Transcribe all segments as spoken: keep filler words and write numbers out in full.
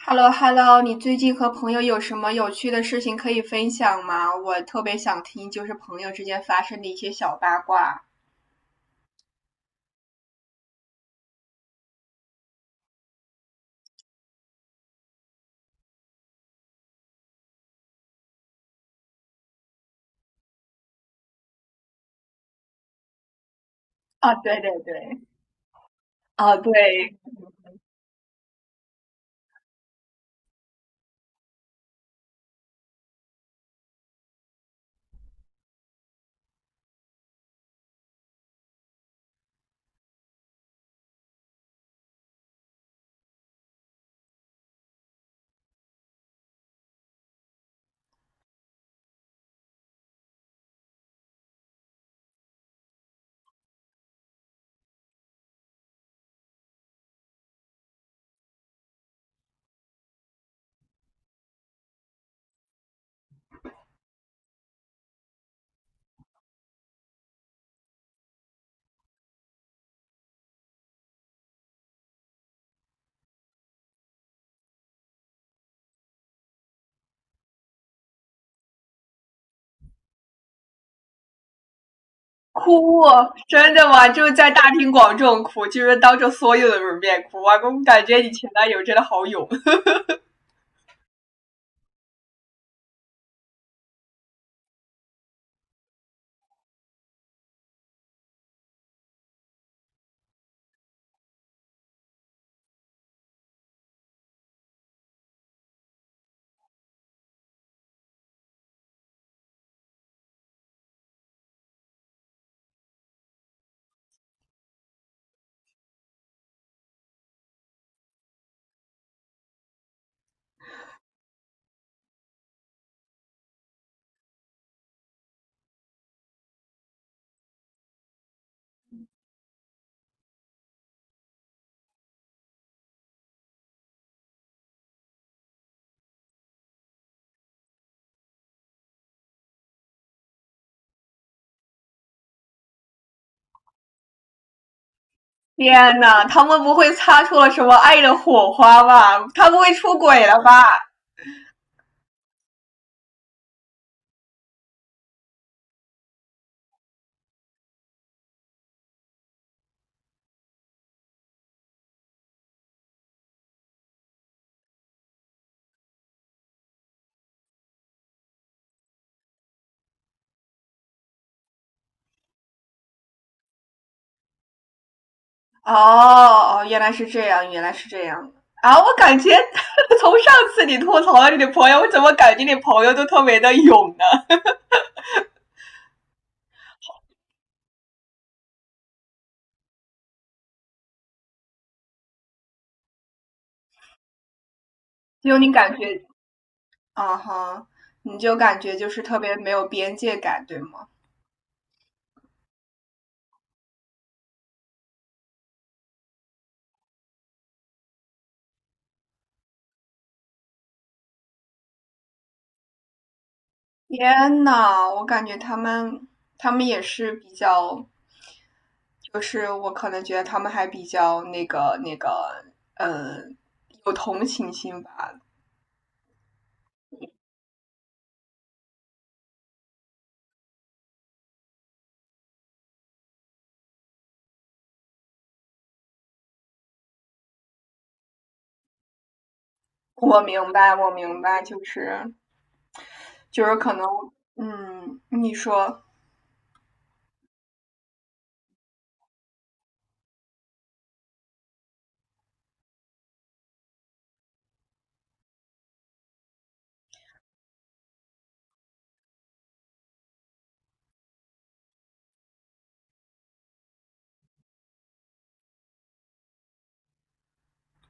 Hello Hello，你最近和朋友有什么有趣的事情可以分享吗？我特别想听，就是朋友之间发生的一些小八卦。啊，对对对。啊对。哭。真的吗？就是在大庭广众哭，就是当着所有的人面哭啊！我感觉你前男友真的好勇。天呐，他们不会擦出了什么爱的火花吧？他不会出轨了吧？哦哦，原来是这样，原来是这样啊！我感觉 从上次你吐槽了你的朋友，我怎么感觉你朋友都特别的勇呢？就你感觉，啊哈，你就感觉就是特别没有边界感，对吗？天呐，我感觉他们他们也是比较，就是我可能觉得他们还比较那个那个，呃，有同情心吧。我明白，我明白，就是就是可能，嗯，你说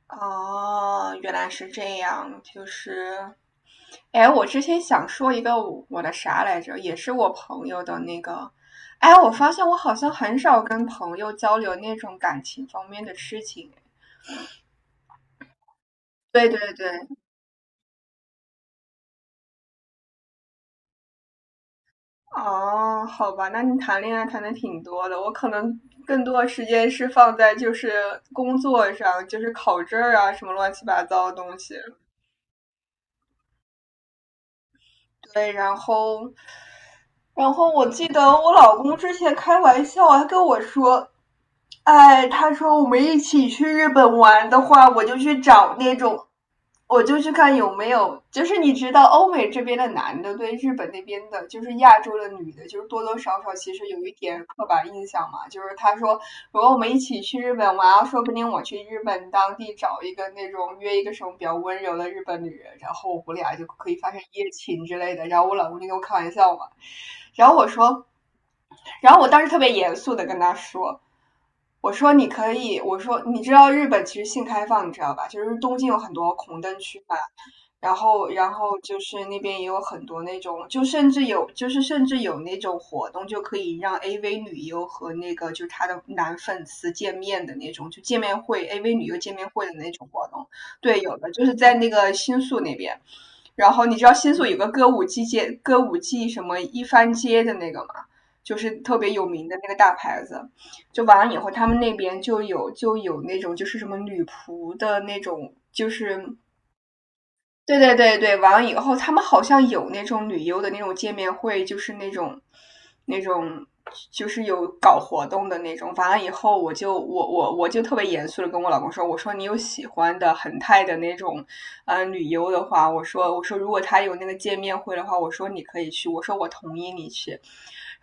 哦，原来是这样，就是，哎，我之前想说一个我我的啥来着，也是我朋友的那个，哎，我发现我好像很少跟朋友交流那种感情方面的事情。对对对。哦，好吧，那你谈恋爱谈的挺多的，我可能更多的时间是放在就是工作上，就是考证儿啊，什么乱七八糟的东西。对。然后然后我记得我老公之前开玩笑还跟我说，哎，他说我们一起去日本玩的话，我就去找那种，我就去看有没有，就是你知道欧美这边的男的对日本那边的，就是亚洲的女的，就是多多少少其实有一点刻板印象嘛。就是他说，如果我们一起去日本玩，说不定我去日本当地找一个那种约一个什么比较温柔的日本女人，然后我俩就可以发生一夜情之类的。然后我老公就跟我开玩笑嘛，然后我说。然后我当时特别严肃的跟他说，我说你可以，我说你知道日本其实性开放，你知道吧？就是东京有很多红灯区嘛，然后然后就是那边也有很多那种，就甚至有就是甚至有那种活动，就可以让 A V 女优和那个就是她的男粉丝见面的那种，就见面会 A V 女优见面会的那种活动。对，有的就是在那个新宿那边。然后你知道新宿有个歌舞伎街，歌舞伎什么一番街的那个吗？就是特别有名的那个大牌子。就完了以后，他们那边就有就有那种就是什么女仆的那种，就是对对对对。完了以后，他们好像有那种旅游的那种见面会，就是那种，那种就是有搞活动的那种。完了以后，我就我我我就特别严肃的跟我老公说，我说你有喜欢的恒泰的那种，嗯、旅游的话，我说我说如果他有那个见面会的话，我说你可以去，我说我同意你去。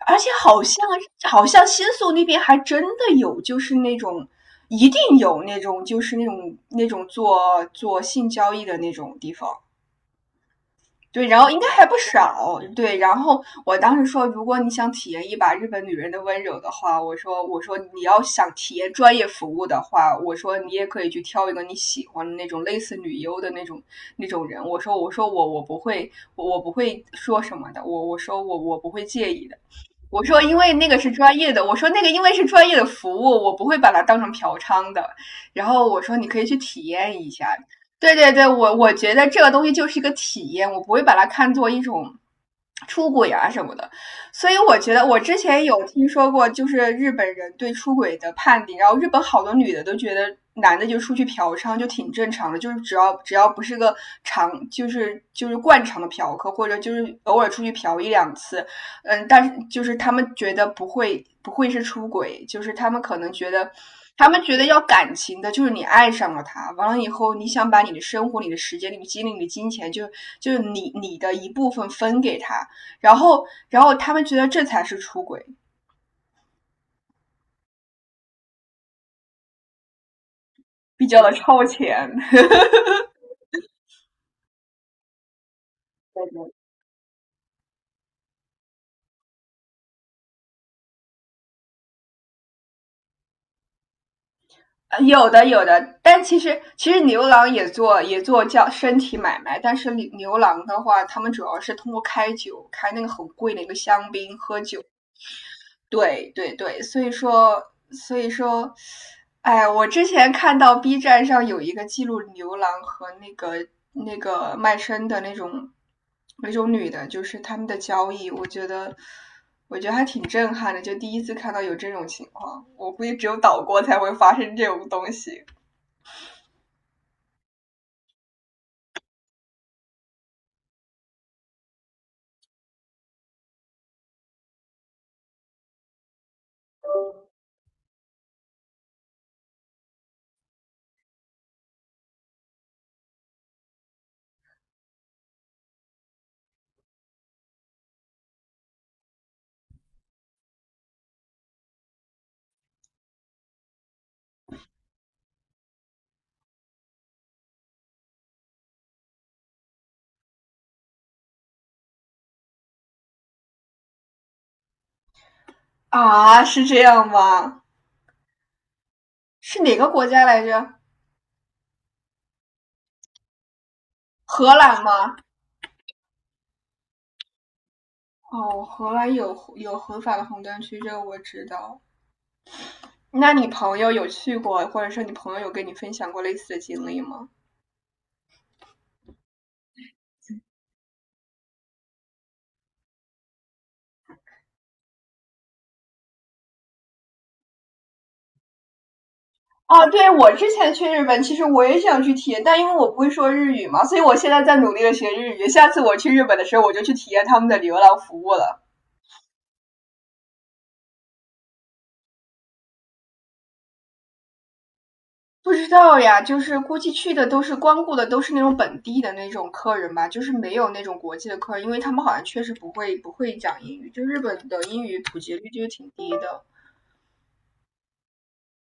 而且好像好像新宿那边还真的有，就是那种一定有那种就是那种那种做做性交易的那种地方。对，然后应该还不少。对，然后我当时说，如果你想体验一把日本女人的温柔的话，我说，我说你要想体验专业服务的话，我说你也可以去挑一个你喜欢的那种类似女优的那种那种人。我说，我说我我不会，我我不会说什么的。我我说我我不会介意的。我说，因为那个是专业的，我说那个因为是专业的服务，我不会把它当成嫖娼的。然后我说，你可以去体验一下。对对对，我我觉得这个东西就是一个体验，我不会把它看作一种出轨啊什么的。所以我觉得，我之前有听说过，就是日本人对出轨的判定，然后日本好多女的都觉得男的就出去嫖娼就挺正常的，就是只要只要不是个常，就是就是惯常的嫖客，或者就是偶尔出去嫖一两次，嗯，但是就是他们觉得不会不会是出轨，就是他们可能觉得，他们觉得要感情的，就是你爱上了他，完了以后你想把你的生活、你的时间、你的精力、你的金钱，就就是你你的一部分分给他，然后然后他们觉得这才是出轨，比较的超前。对对，呃有的有的，但其实其实牛郎也做也做叫身体买卖，但是牛牛郎的话，他们主要是通过开酒，开那个很贵的一个香槟，喝酒，对对对，所以说，所以说，哎，我之前看到 B 站上有一个记录牛郎和那个那个卖身的那种那种女的，就是他们的交易，我觉得我觉得还挺震撼的，就第一次看到有这种情况，我估计只有岛国才会发生这种东西啊，是这样吗？是哪个国家来着？荷兰吗？哦，荷兰有有合法的红灯区，这个我知道。那你朋友有去过，或者说你朋友有跟你分享过类似的经历吗？哦，对，我之前去日本，其实我也想去体验，但因为我不会说日语嘛，所以我现在在努力的学日语。下次我去日本的时候，我就去体验他们的流浪服务了。不知道呀，就是估计去的都是光顾的都是那种本地的那种客人吧，就是没有那种国际的客人，因为他们好像确实不会不会讲英语，就日本的英语普及率就是挺低的。